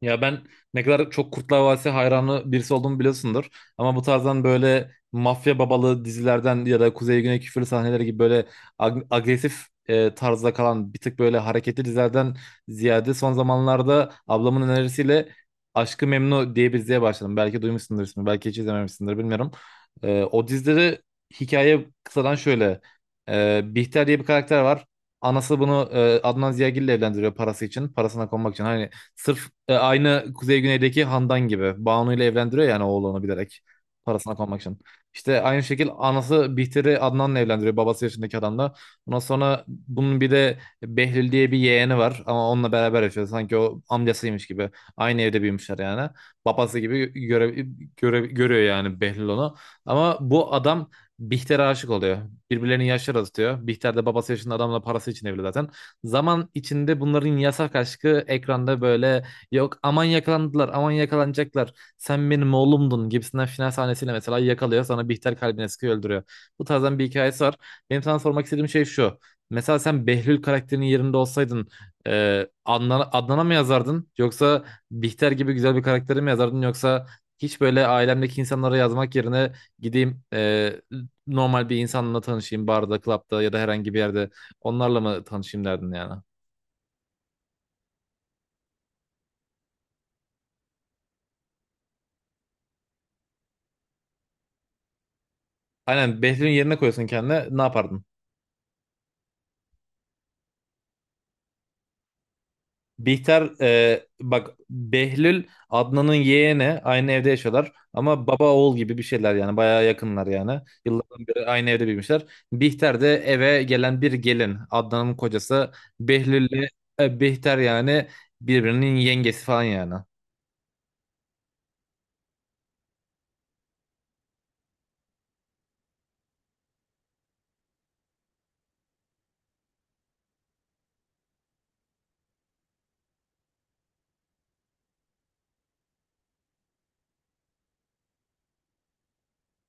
Ya ben ne kadar çok Kurtlar Vadisi hayranı birisi olduğumu biliyorsundur. Ama bu tarzdan böyle mafya babalı dizilerden ya da Kuzey Güney küfürlü sahneleri gibi böyle agresif tarzda kalan bir tık böyle hareketli dizilerden ziyade son zamanlarda ablamın önerisiyle aşkı Memnu diye bir diziye başladım. Belki duymuşsundur ismini, belki hiç izlememişsindir bilmiyorum. E, o dizileri Hikaye kısadan şöyle. Bihter diye bir karakter var. Anası bunu Adnan Ziyagil ile evlendiriyor parası için. Parasına konmak için. Hani sırf aynı Kuzey Güney'deki Handan gibi. Banu ile evlendiriyor yani oğlunu bilerek. Parasına konmak için. İşte aynı şekil anası Bihter'i Adnan'la evlendiriyor. Babası yaşındaki adamla. Ondan sonra bunun bir de Behlül diye bir yeğeni var. Ama onunla beraber yaşıyor. Sanki o amcasıymış gibi. Aynı evde büyümüşler yani. Babası gibi görüyor yani Behlül onu. Ama bu adam Bihter'e aşık oluyor. Birbirlerinin yaşları azıtıyor. Bihter de babası yaşında adamla parası için evli zaten. Zaman içinde bunların yasak aşkı ekranda böyle yok aman yakalandılar aman yakalanacaklar sen benim oğlumdun gibisinden final sahnesiyle mesela yakalıyor sonra Bihter kalbine sıkıyor öldürüyor. Bu tarzdan bir hikayesi var. Benim sana sormak istediğim şey şu. Mesela sen Behlül karakterinin yerinde olsaydın e, Adnan'a mı yazardın yoksa Bihter gibi güzel bir karakteri mi yazardın yoksa hiç böyle ailemdeki insanlara yazmak yerine gideyim normal bir insanla tanışayım barda, klapta ya da herhangi bir yerde onlarla mı tanışayım derdin yani? Aynen Behlül'ün yerine koyuyorsun kendine ne yapardın? Bihter bak Behlül Adnan'ın yeğeni aynı evde yaşıyorlar ama baba oğul gibi bir şeyler yani bayağı yakınlar yani. Yıllardan beri aynı evde büyümüşler. Bihter de eve gelen bir gelin Adnan'ın kocası Behlül'le Bihter yani birbirinin yengesi falan yani.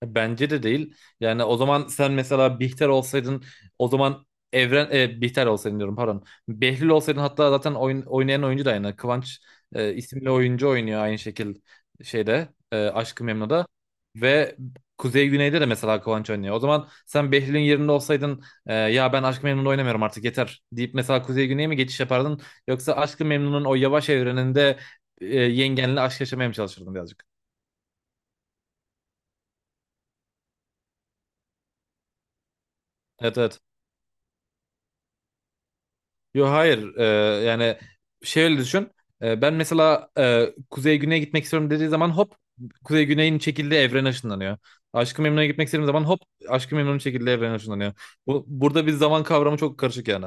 Bence de değil. Yani o zaman sen mesela Bihter olsaydın o zaman Bihter olsaydın diyorum pardon. Behlül olsaydın hatta zaten oynayan oyuncu da aynı. Kıvanç isimli oyuncu oynuyor aynı şekil şeyde Aşk-ı Memnu'da. Ve Kuzey Güney'de de mesela Kıvanç oynuyor. O zaman sen Behlül'ün yerinde olsaydın ya ben Aşk-ı Memnu'da oynamıyorum artık yeter deyip mesela Kuzey Güney'e mi geçiş yapardın? Yoksa Aşk-ı Memnu'nun o yavaş evreninde yengenle aşk yaşamaya mı çalışırdın birazcık? Evet, evet. Yo, hayır. Yani şöyle düşün. Ben mesela kuzey güneye gitmek istiyorum dediği zaman hop kuzey güneyin çekildiği evrene ışınlanıyor. Aşk-ı Memnu'ya gitmek istediğim zaman hop Aşk-ı Memnu'nun çekildiği evrene ışınlanıyor. Burada bir zaman kavramı çok karışık yani.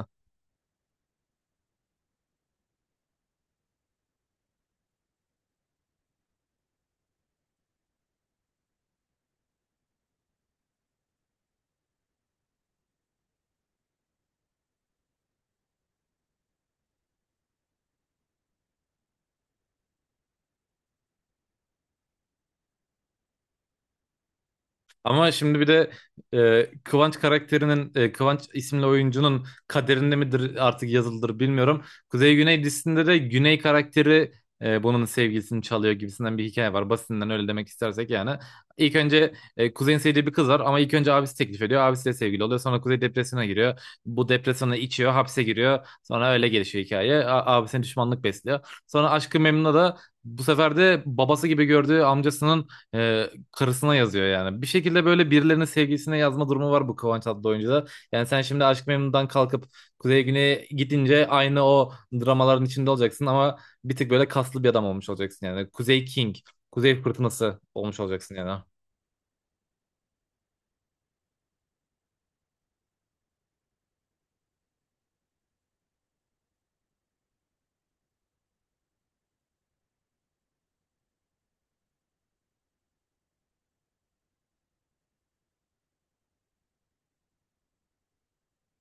Ama şimdi bir de Kıvanç karakterinin, Kıvanç isimli oyuncunun kaderinde midir artık yazılıdır bilmiyorum. Kuzey Güney dizisinde de Güney karakteri bunun sevgilisini çalıyor gibisinden bir hikaye var. Basitinden öyle demek istersek yani. İlk önce Kuzey'in sevdiği bir kız var ama ilk önce abisi teklif ediyor. Abisiyle sevgili oluyor. Sonra Kuzey depresyona giriyor. Bu depresyona içiyor, hapse giriyor. Sonra öyle gelişiyor hikaye. Abisine düşmanlık besliyor. Sonra Aşk-ı Memnu'da da bu sefer de babası gibi gördüğü amcasının karısına yazıyor yani. Bir şekilde böyle birilerinin sevgilisine yazma durumu var bu Kıvanç adlı oyuncuda. Yani sen şimdi Aşk Memnu'dan kalkıp Kuzey Güney'e gidince aynı o dramaların içinde olacaksın ama bir tık böyle kaslı bir adam olmuş olacaksın yani. Kuzey King, Kuzey Fırtınası olmuş olacaksın yani.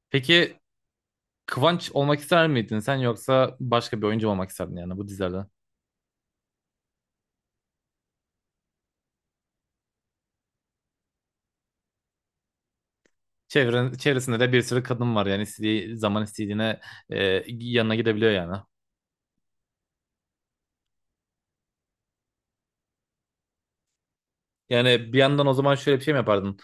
Peki Kıvanç olmak ister miydin sen yoksa başka bir oyuncu mu olmak isterdin yani bu dizilerden? Çevresinde de bir sürü kadın var yani istediği zaman istediğine yanına gidebiliyor yani. Yani bir yandan o zaman şöyle bir şey mi yapardın?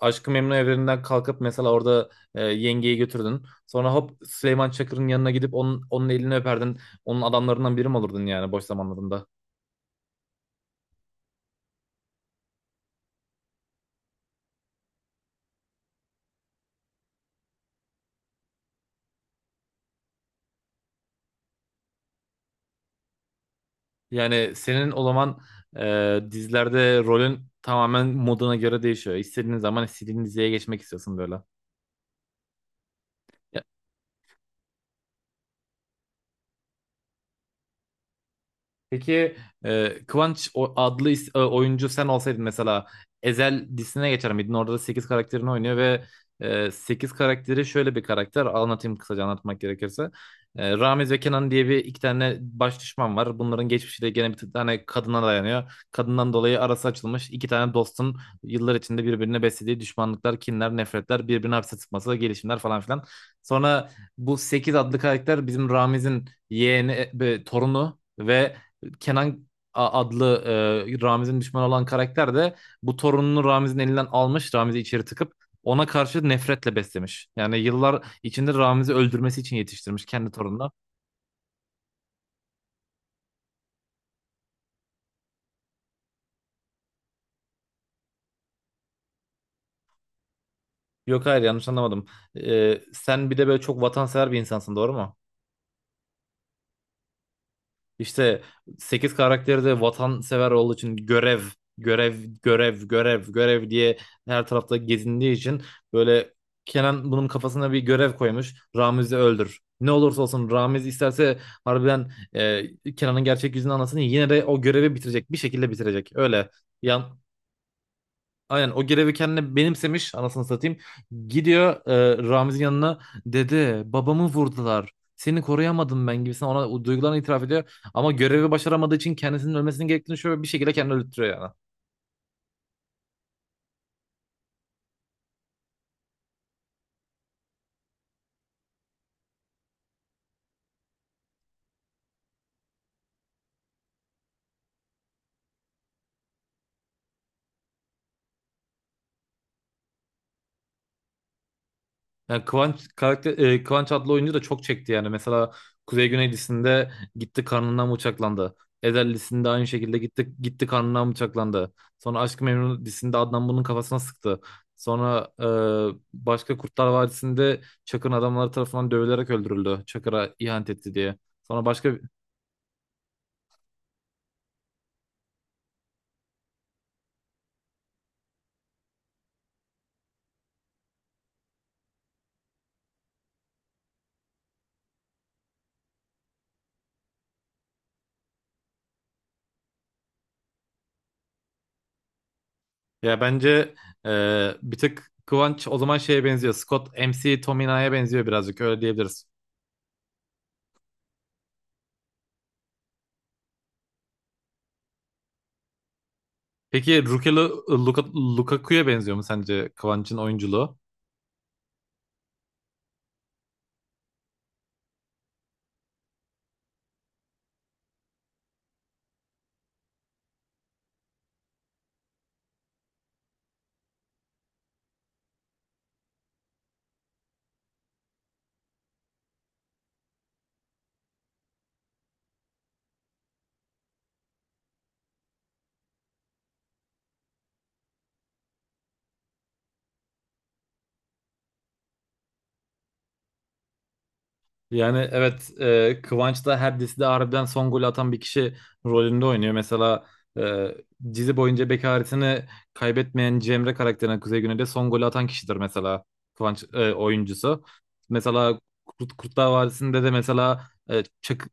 Aşk-ı Memnu evreninden kalkıp mesela orada yengeyi götürdün. Sonra hop Süleyman Çakır'ın yanına gidip onun elini öperdin. Onun adamlarından biri mi olurdun yani boş zamanlarında? Yani senin o zaman dizilerde rolün tamamen moduna göre değişiyor. İstediğin zaman istediğin diziye geçmek istiyorsun böyle. Peki Kıvanç adlı oyuncu sen olsaydın mesela Ezel dizisine geçer miydin? Orada da 8 karakterini oynuyor ve 8 karakteri şöyle bir karakter. Anlatayım kısaca anlatmak gerekirse. Ramiz ve Kenan diye bir iki tane baş düşman var. Bunların geçmişi de gene bir tane kadına dayanıyor. Kadından dolayı arası açılmış iki tane dostun yıllar içinde birbirine beslediği düşmanlıklar, kinler, nefretler, birbirini hapse tıkması, gelişimler falan filan. Sonra bu 8 adlı karakter bizim Ramiz'in yeğeni, torunu ve Kenan adlı Ramiz'in düşmanı olan karakter de bu torununu Ramiz'in elinden almış. Ramiz'i içeri tıkıp ona karşı nefretle beslemiş. Yani yıllar içinde Ramiz'i öldürmesi için yetiştirmiş kendi torununa. Yok, hayır, yanlış anlamadım. Sen bir de böyle çok vatansever bir insansın, doğru mu? İşte 8 karakteri de vatansever olduğu için görev, görev, görev, görev, görev diye her tarafta gezindiği için böyle Kenan bunun kafasına bir görev koymuş. Ramiz'i öldür. Ne olursa olsun Ramiz isterse harbiden Kenan'ın gerçek yüzünü anlasın yine de o görevi bitirecek. Bir şekilde bitirecek. Öyle. Yan, Aynen o görevi kendine benimsemiş anasını satayım. Gidiyor Ramiz'in yanına, dede babamı vurdular. Seni koruyamadım ben gibisinden ona o duygularını itiraf ediyor. Ama görevi başaramadığı için kendisinin ölmesinin gerektiğini şöyle bir şekilde kendini öldürtüyor yani. Yani Kıvanç adlı oyuncu da çok çekti yani. Mesela Kuzey Güney dizisinde gitti karnından bıçaklandı. Ezel dizisinde aynı şekilde gitti karnından bıçaklandı. Sonra Aşk-ı Memnu dizisinde Adnan bunun kafasına sıktı. Sonra başka Kurtlar Vadisi'nde Çakır'ın adamları tarafından dövülerek öldürüldü. Çakır'a ihanet etti diye. Sonra başka ya bence e, bir tık Kıvanç o zaman şeye benziyor. Scott MC Tomina'ya benziyor birazcık öyle diyebiliriz. Peki Rukelu Lukaku'ya benziyor mu sence Kıvanç'ın oyunculuğu? Yani evet Kıvanç da her dizide harbiden son golü atan bir kişi rolünde oynuyor. Mesela e, dizi boyunca bekaretini kaybetmeyen Cemre karakterine Kuzey Güney'de son golü atan kişidir mesela Kıvanç oyuncusu. Mesela Kurtlar Vadisi'nde de mesela Çakır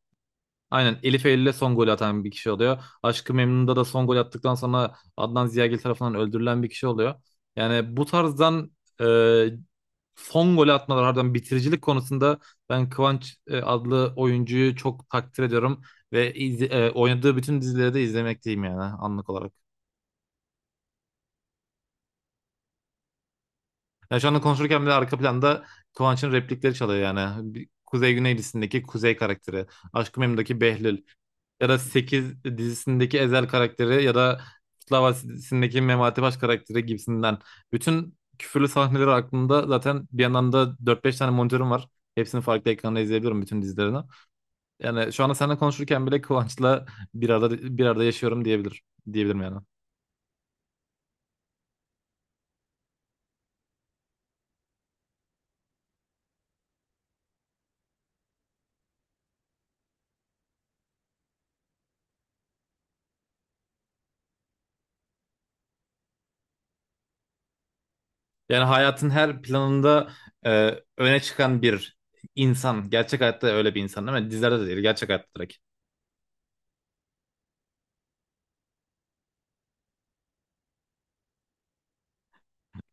aynen Elif Eylül'e son golü atan bir kişi oluyor. Aşk-ı Memnun'da da son gol attıktan sonra Adnan Ziyagil tarafından öldürülen bir kişi oluyor. Yani bu tarzdan e, son golü atmalar harbiden bitiricilik konusunda ben Kıvanç adlı oyuncuyu çok takdir ediyorum ve oynadığı bütün dizileri de izlemekteyim yani anlık olarak. Ya şu anda konuşurken bile arka planda Kıvanç'ın replikleri çalıyor yani. Kuzey Güney dizisindeki Kuzey karakteri, Aşk-ı Memnu'daki Behlül ya da 8 dizisindeki Ezel karakteri ya da Kurtlar Vadisi'ndeki Memati Baş karakteri gibisinden. Bütün küfürlü sahneleri aklımda zaten, bir yandan da dört beş tane monitörüm var. Hepsini farklı ekranda izleyebilirim bütün dizilerini. Yani şu anda seninle konuşurken bile Kıvanç'la bir arada yaşıyorum diyebilirim yani. Yani hayatın her planında e, öne çıkan bir insan. Gerçek hayatta öyle bir insan değil mi? Dizilerde de değil, gerçek hayatta direkt.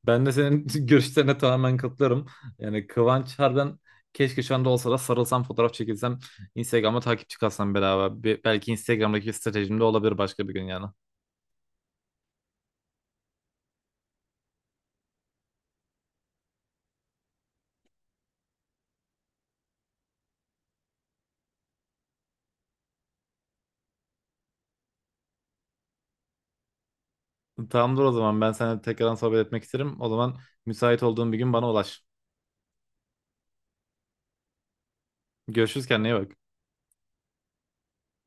Ben de senin görüşlerine tamamen katılıyorum. Yani Kıvanç harbiden keşke şu anda olsa da sarılsam, fotoğraf çekilsem, Instagram'a takipçi kalsam beraber. Belki Instagram'daki stratejimde olabilir başka bir gün yani. Tamamdır, o zaman ben seninle tekrardan sohbet etmek isterim. O zaman müsait olduğun bir gün bana ulaş. Görüşürüz, kendine iyi bak.